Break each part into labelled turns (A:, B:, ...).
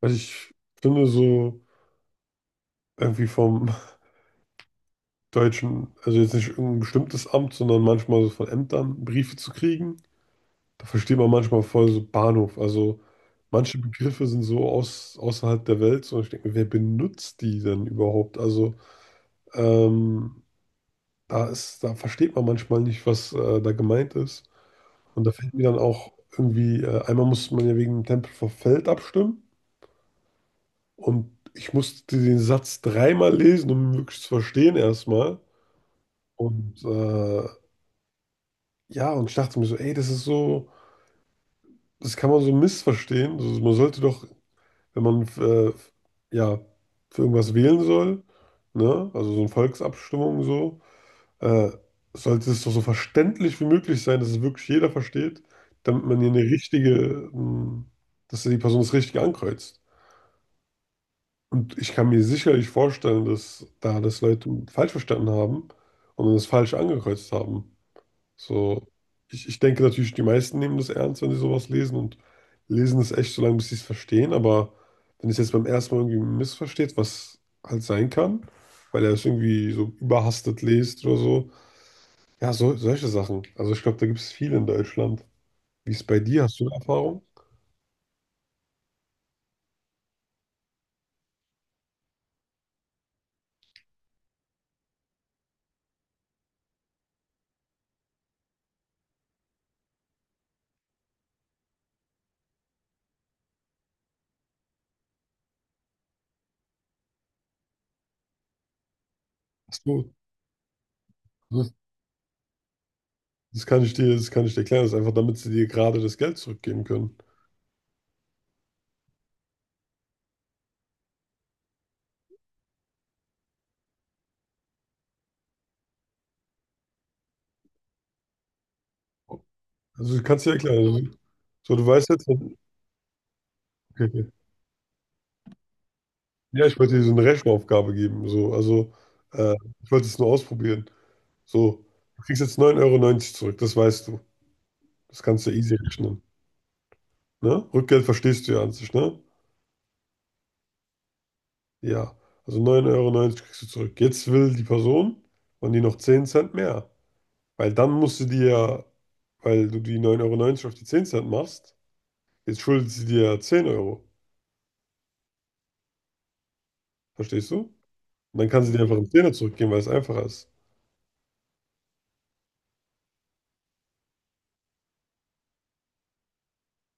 A: Also ich finde so irgendwie vom deutschen, also jetzt nicht irgendein bestimmtes Amt, sondern manchmal so von Ämtern Briefe zu kriegen, da versteht man manchmal voll so Bahnhof. Also manche Begriffe sind so außerhalb der Welt, so ich denke, mir, wer benutzt die denn überhaupt? Also ähm, da versteht man manchmal nicht, was da gemeint ist. Und da fällt mir dann auch irgendwie, einmal musste man ja wegen dem Tempel vor Feld abstimmen, und ich musste den Satz dreimal lesen, um ihn wirklich zu verstehen erstmal. Und ja, ich dachte mir so, ey, das ist so, das kann man so missverstehen. Also man sollte doch, wenn man ja für irgendwas wählen soll, ne, also so eine Volksabstimmung so, äh, sollte es doch so verständlich wie möglich sein, dass es wirklich jeder versteht, damit man hier dass die Person das Richtige ankreuzt. Und ich kann mir sicherlich vorstellen, dass da das Leute falsch verstanden haben und das falsch angekreuzt haben. So, ich denke natürlich, die meisten nehmen das ernst, wenn sie sowas lesen, und lesen es echt so lange, bis sie es verstehen. Aber wenn es jetzt beim ersten Mal irgendwie missversteht, was halt sein kann, weil er es irgendwie so überhastet liest oder so. Ja, so, solche Sachen. Also ich glaube, da gibt es viel in Deutschland. Wie ist es bei dir? Hast du eine Erfahrung? Hast du? Das das kann ich dir erklären. Das ist einfach, damit sie dir gerade das Geld zurückgeben können. Also du kannst dir erklären. Also, so, du weißt jetzt, okay, okay. Ja, ich wollte dir so eine Rechenaufgabe geben. So. Also, äh, ich wollte es nur ausprobieren. So, du kriegst jetzt 9,90 € zurück, das weißt du. Das kannst du ja easy rechnen. Ne? Rückgeld verstehst du ja an sich, ne? Ja. Also 9,90 € kriegst du zurück. Jetzt will die Person von dir noch 10 Cent mehr. Weil dann musst du dir, ja, weil du die 9,90 € auf die 10 Cent machst, jetzt schuldet sie dir ja 10 Euro. Verstehst du? Und dann kann sie dir einfach einen Zehner zurückgeben, weil es einfacher ist.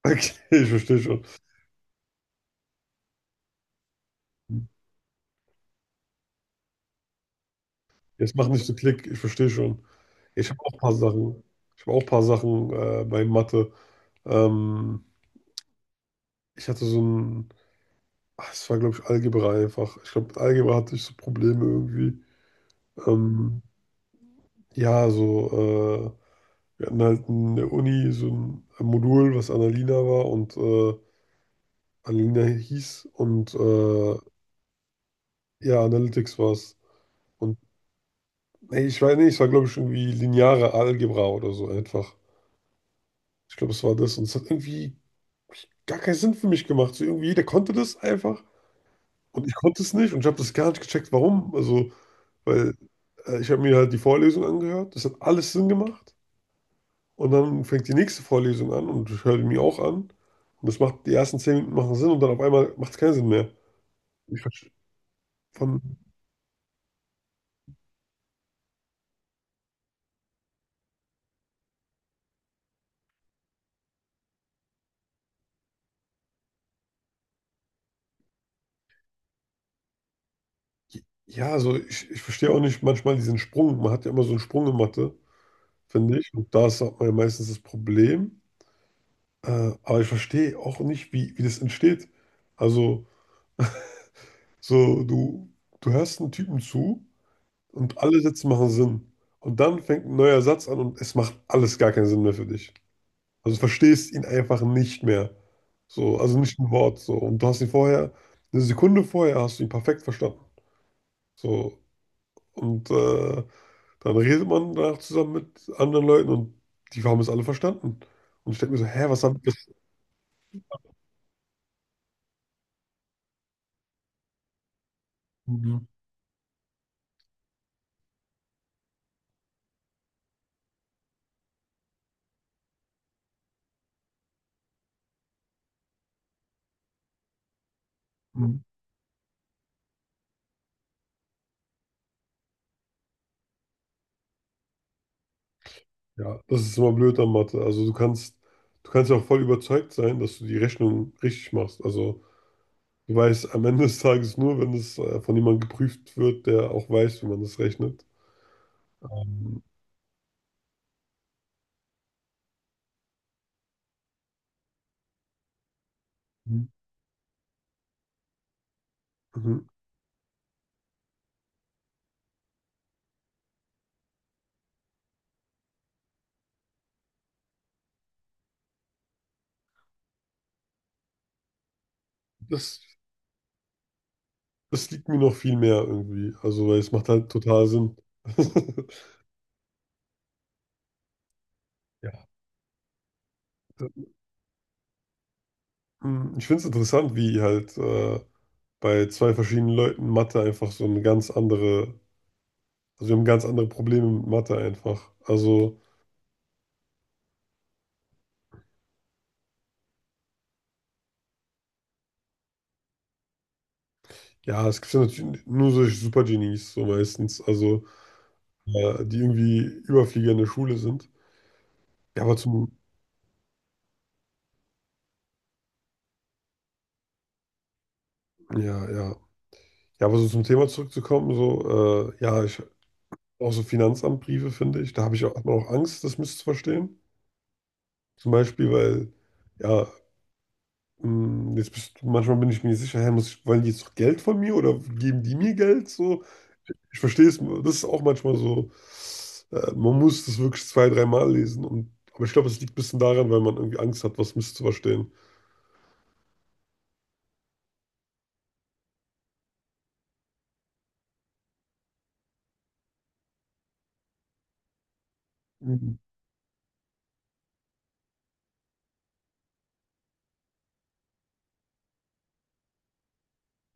A: Okay, ich verstehe schon. Jetzt mach nicht so Klick, ich verstehe schon. Ich habe auch ein paar Sachen. Ich habe auch ein paar Sachen bei Mathe. Ähm, ich hatte so ein, ach, es war, glaube ich, Algebra einfach. Ich glaube, mit Algebra hatte ich so Probleme irgendwie. Ähm, ja, so, wir hatten halt in der Uni so ein Modul, was Annalina war und Annalina hieß, und ja, Analytics war es. Und nee, ich weiß nicht, es war, glaube ich, irgendwie lineare Algebra oder so einfach. Ich glaube, es war das, und es hat irgendwie gar keinen Sinn für mich gemacht. So irgendwie, jeder konnte das einfach, und ich konnte es nicht, und ich habe das gar nicht gecheckt, warum. Also, weil ich habe mir halt die Vorlesung angehört, das hat alles Sinn gemacht, und dann fängt die nächste Vorlesung an, und ich höre die mir auch an, und die ersten 10 Minuten machen Sinn, und dann auf einmal macht es keinen Sinn mehr. Ich verstehe von, ja, also ich verstehe auch nicht manchmal diesen Sprung. Man hat ja immer so einen Sprung in Mathe, finde ich, und da ist auch mal meistens das Problem. Aber ich verstehe auch nicht, wie das entsteht. Also, so du hörst einen Typen zu, und alle Sätze machen Sinn. Und dann fängt ein neuer Satz an, und es macht alles gar keinen Sinn mehr für dich. Also du verstehst ihn einfach nicht mehr. So, also nicht ein Wort. So. Und du hast ihn vorher, eine Sekunde vorher hast du ihn perfekt verstanden. So. Und dann redet man danach zusammen mit anderen Leuten, und die haben es alle verstanden. Und ich denke mir so, hä, was haben wir? Ja, das ist immer blöd an Mathe. Also du kannst ja auch voll überzeugt sein, dass du die Rechnung richtig machst. Also du weißt am Ende des Tages nur, wenn es von jemandem geprüft wird, der auch weiß, wie man das rechnet. Ähm, mhm. das, das liegt mir noch viel mehr irgendwie. Also weil es macht halt total Sinn. Ja. Mhm. Ich finde es interessant, wie halt bei zwei verschiedenen Leuten Mathe einfach so eine ganz andere, also wir haben ganz andere Probleme mit Mathe einfach. Also ja, es gibt ja natürlich nur solche Supergenies, so meistens, also die irgendwie Überflieger in der Schule sind. Ja, aber ja, ja. Ja, aber so zum Thema zurückzukommen, so, ja, auch so Finanzamtbriefe, finde ich, da habe ich auch, hat man auch Angst, das misszuverstehen. Zum Beispiel, ja, jetzt manchmal bin ich mir nicht sicher, hä, wollen die jetzt noch Geld von mir, oder geben die mir Geld, so? Ich verstehe es, das ist auch manchmal so, man muss das wirklich zwei, dreimal lesen. Aber ich glaube, es liegt ein bisschen daran, weil man irgendwie Angst hat, was misszuverstehen. Mhm.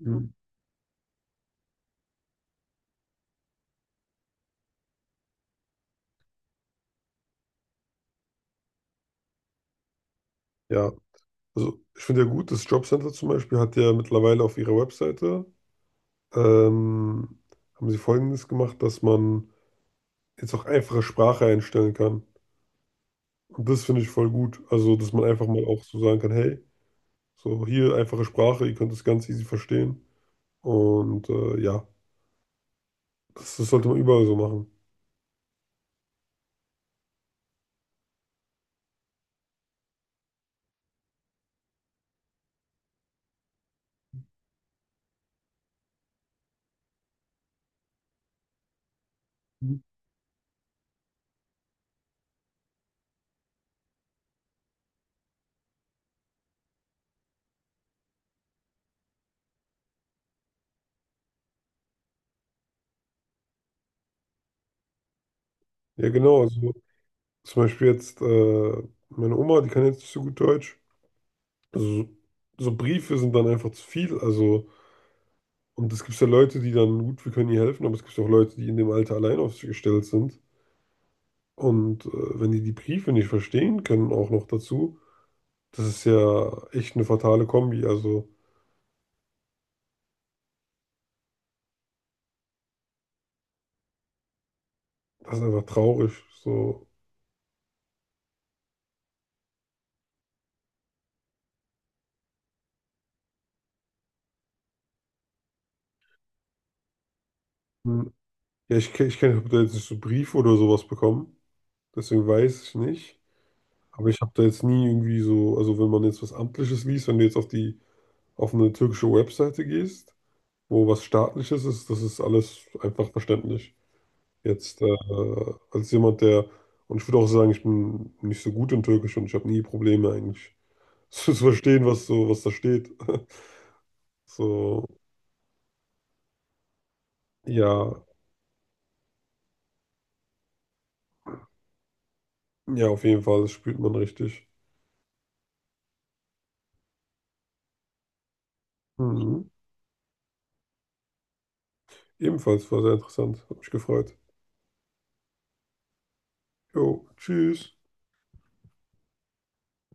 A: Mhm. Ja, also ich finde ja gut, das Jobcenter zum Beispiel hat ja mittlerweile auf ihrer Webseite, ähm, haben sie Folgendes gemacht, dass man jetzt auch einfache Sprache einstellen kann. Und das finde ich voll gut. Also, dass man einfach mal auch so sagen kann, hey, so hier einfache Sprache, ihr könnt das ganz easy verstehen. Und ja, das sollte man überall so machen. Ja, genau. Also zum Beispiel jetzt meine Oma, die kann jetzt nicht so gut Deutsch. Also, so Briefe sind dann einfach zu viel. Also, und es gibt ja Leute, die dann, gut, wir können ihr helfen, aber es gibt auch Leute, die in dem Alter allein auf sich gestellt sind. Und wenn die die Briefe nicht verstehen können, auch noch dazu, das ist ja echt eine fatale Kombi. Also, das ist einfach traurig. So, hm. ja, ich, ke- ich kenne, ich habe da jetzt nicht so Briefe oder sowas bekommen. Deswegen weiß ich nicht. Aber ich habe da jetzt nie irgendwie so, also wenn man jetzt was Amtliches liest, wenn du jetzt auf eine türkische Webseite gehst, wo was Staatliches ist, das ist alles einfach verständlich. Jetzt als jemand, der, und ich würde auch sagen, ich bin nicht so gut in Türkisch, und ich habe nie Probleme eigentlich zu verstehen, was da steht. So, ja, ja, auf jeden Fall, das spürt man richtig. Mhm. Ebenfalls war sehr interessant, hat mich gefreut. Jo, tschüss.